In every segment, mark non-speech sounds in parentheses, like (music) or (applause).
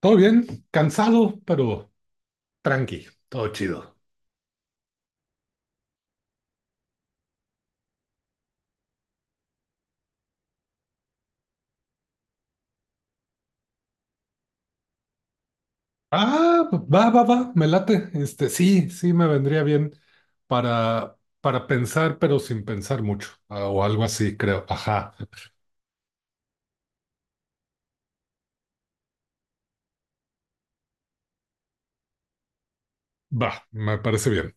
Todo bien, cansado, pero tranqui, todo chido. Va, va, va, me late. Este, sí, sí me vendría bien para pensar, pero sin pensar mucho, o algo así, creo. Ajá, va, me parece bien.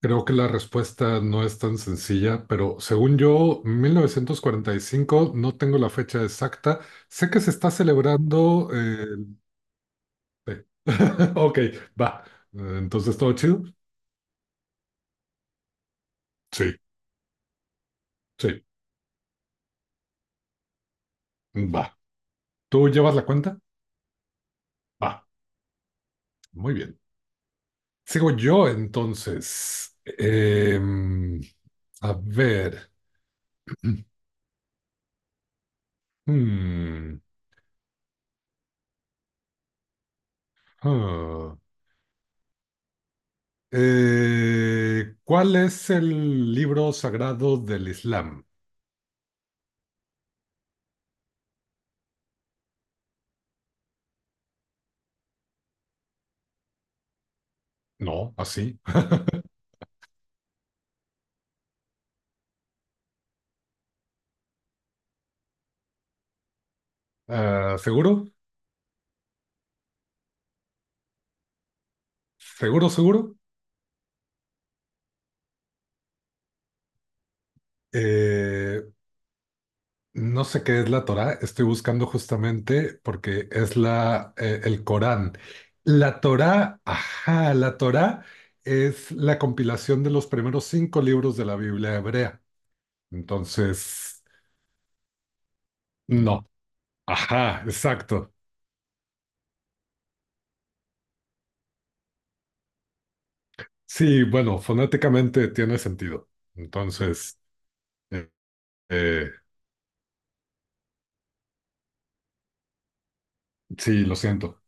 Creo que la respuesta no es tan sencilla, pero según yo, 1945. No tengo la fecha exacta. Sé que se está celebrando el... (laughs) Ok, va. Entonces, ¿todo chido? Sí, sí, va. ¿Tú llevas la cuenta? Ah, muy bien. Sigo yo entonces. A ver. (clears throat) Hmm, ah. ¿Cuál es el libro sagrado del Islam? No, así. Ah, ¿seguro? ¿Seguro, seguro? Eh, No sé qué es la Torá, estoy buscando justamente porque es el Corán. La Torá, ajá, la Torá es la compilación de los primeros cinco libros de la Biblia hebrea. Entonces, no, ajá, exacto. Sí, bueno, fonéticamente tiene sentido. Entonces, eh, eh, sí, lo siento.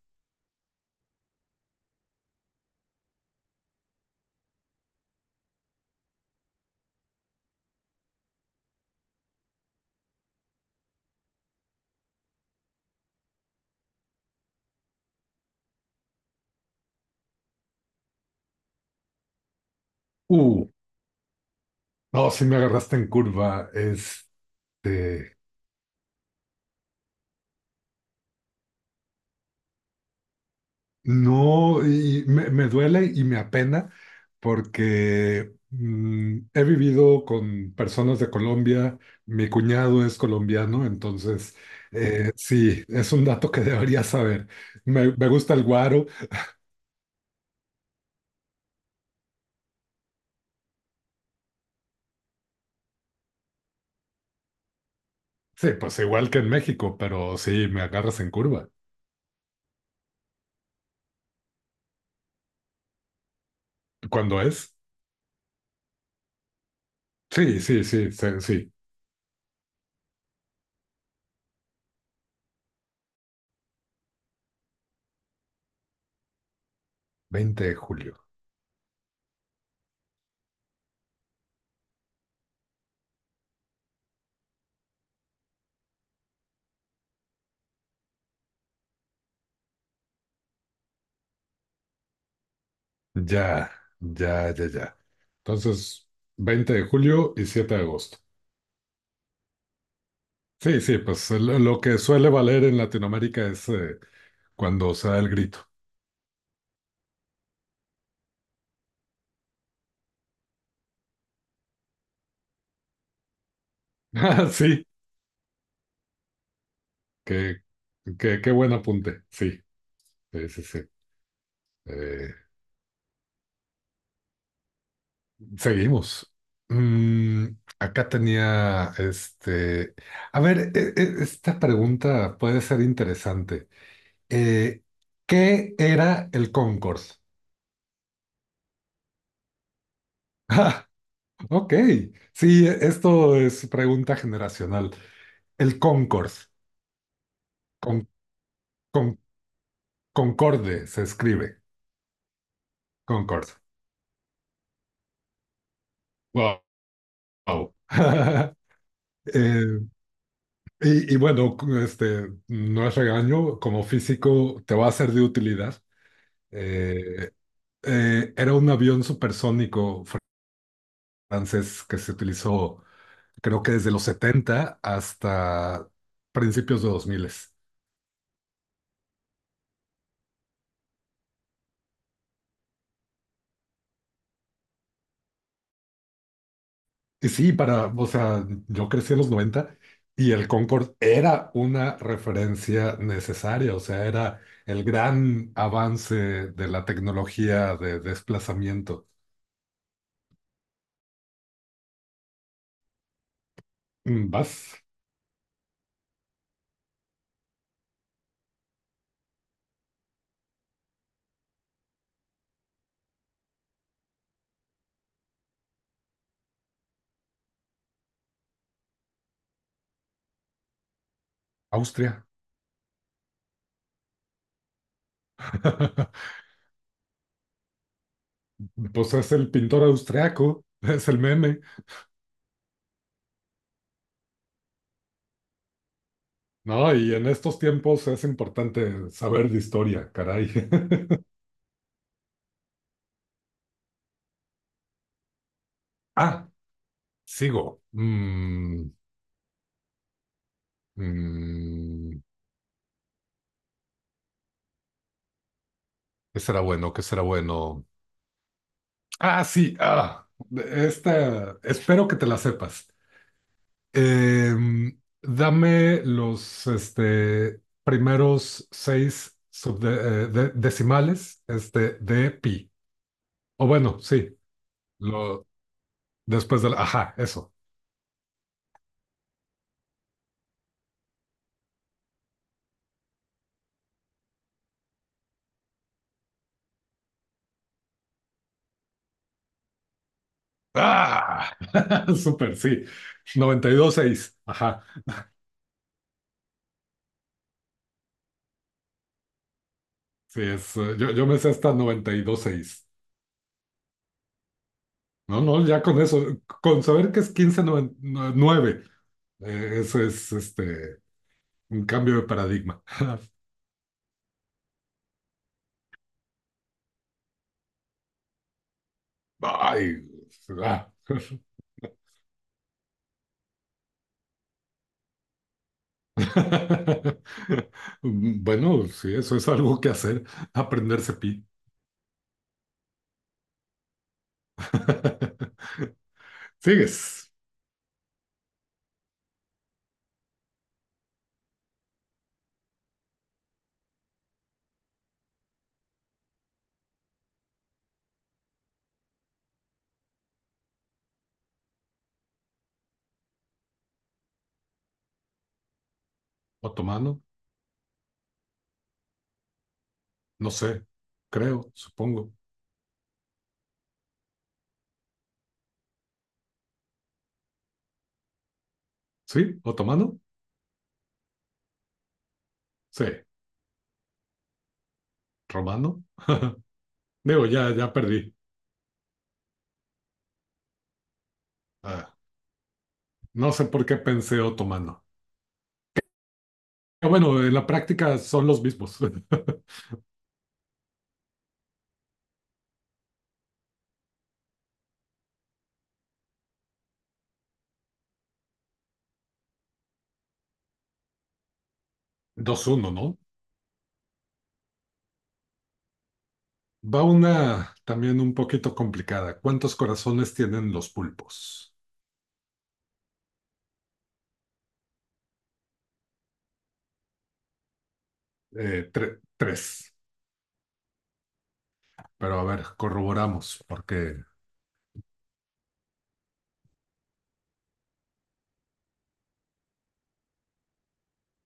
Uh, no, sí me agarraste en curva. Este, no, y me duele y me apena porque he vivido con personas de Colombia, mi cuñado es colombiano, entonces sí, es un dato que (laughs) debería saber. Me gusta el guaro, sí, pues igual que en México, pero sí, me agarras en curva. ¿Cuándo es? Sí, sí, sí, sí, sí, 20 de julio. Ya, ya, ya, ya. Entonces, 20 de julio y 7 de agosto. Sí, sí, pues lo que suele valer en Latinoamérica es cuando se da el grito. (laughs) Ah, sí, qué, qué buen apunte. Sí, sí, sí, sí. Eh, seguimos. Mm, acá tenía este. A ver, esta pregunta puede ser interesante. Eh, ¿Qué era el Concorde? Ah, (laughs) ok, sí, esto es pregunta generacional. El Concorde, con, con Concorde se escribe, Concorde. Wow. Wow. (laughs) Eh, bueno, este, no es regaño, como físico te va a ser de utilidad. Eh, era un avión supersónico francés que se utilizó creo que desde los 70 hasta principios de 2000. Y sí, para, o sea, yo crecí en los 90 y el Concorde era una referencia necesaria, o sea, era el gran avance de la tecnología de desplazamiento. Vas, Austria. (laughs) Pues es el pintor austriaco, es el meme, ¿no? Y en estos tiempos es importante saber de historia, caray. (laughs) Ah, sigo. Mm, ¿Qué será bueno? ¿Qué será bueno? Ah, sí, ah, esta, espero que te la sepas. Em, dame los este, primeros seis decimales este, de pi. O bueno, sí, lo, después del, ajá, eso. ¡Ah! (laughs) Súper, sí. Noventa y dos seis. Ajá. Sí, es, yo me sé hasta noventa y dos seis. No, no, ya con eso, con saber que es 15.9, nueve eso es este. Un cambio de paradigma. (laughs) Ay, ah. (laughs) Bueno, sí, eso es algo que hacer, aprenderse pi. (laughs) ¿Sigues? ¿Otomano? No sé, creo, supongo. ¿Sí? ¿Otomano? Sí. ¿Romano? (laughs) Digo, ya, ya perdí. Ah, no sé por qué pensé otomano. Ah, bueno, en la práctica son los mismos. (laughs) Dos uno, ¿no? Va una también un poquito complicada. ¿Cuántos corazones tienen los pulpos? Tres. Pero a ver, corroboramos porque...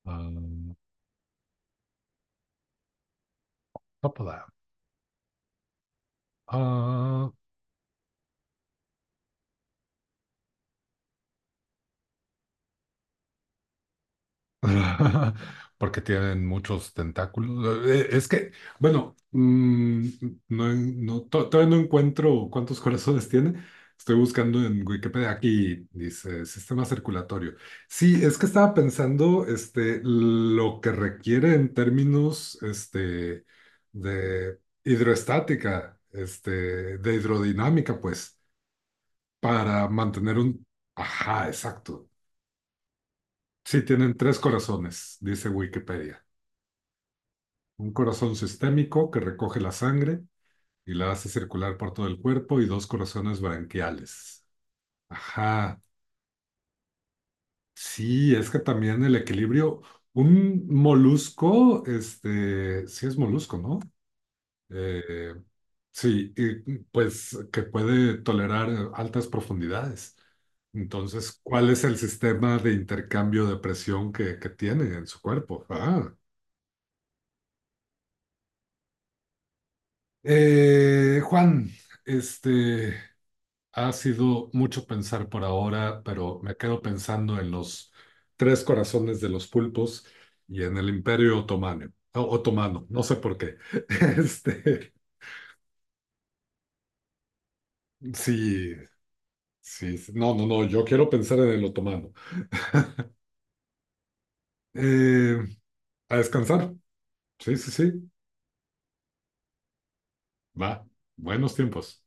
Ah, tópala. (laughs) Porque tienen muchos tentáculos. Es que, bueno, no, todavía no encuentro cuántos (laughs) corazones tiene. Estoy buscando en Wikipedia. Aquí dice sistema circulatorio. Sí, es que estaba pensando este, lo que requiere en términos este, de hidroestática, este, de hidrodinámica, pues, para mantener un... Ajá, exacto. Sí, tienen tres corazones, dice Wikipedia. Un corazón sistémico que recoge la sangre y la hace circular por todo el cuerpo y dos corazones branquiales. Ajá. Sí, es que también el equilibrio, un molusco, este, sí es molusco, ¿no? Eh, sí, y, pues que puede tolerar altas profundidades. Entonces, ¿cuál es el sistema de intercambio de presión que tiene en su cuerpo? Ah. Juan, este, ha sido mucho pensar por ahora, pero me quedo pensando en los tres corazones de los pulpos y en el Imperio Otomano. Otomano, no sé por qué. (laughs) Este, sí, sí, sí. No, no, no, yo quiero pensar en el otomano. Eh, a descansar. Sí, sí, sí. Va. Buenos tiempos.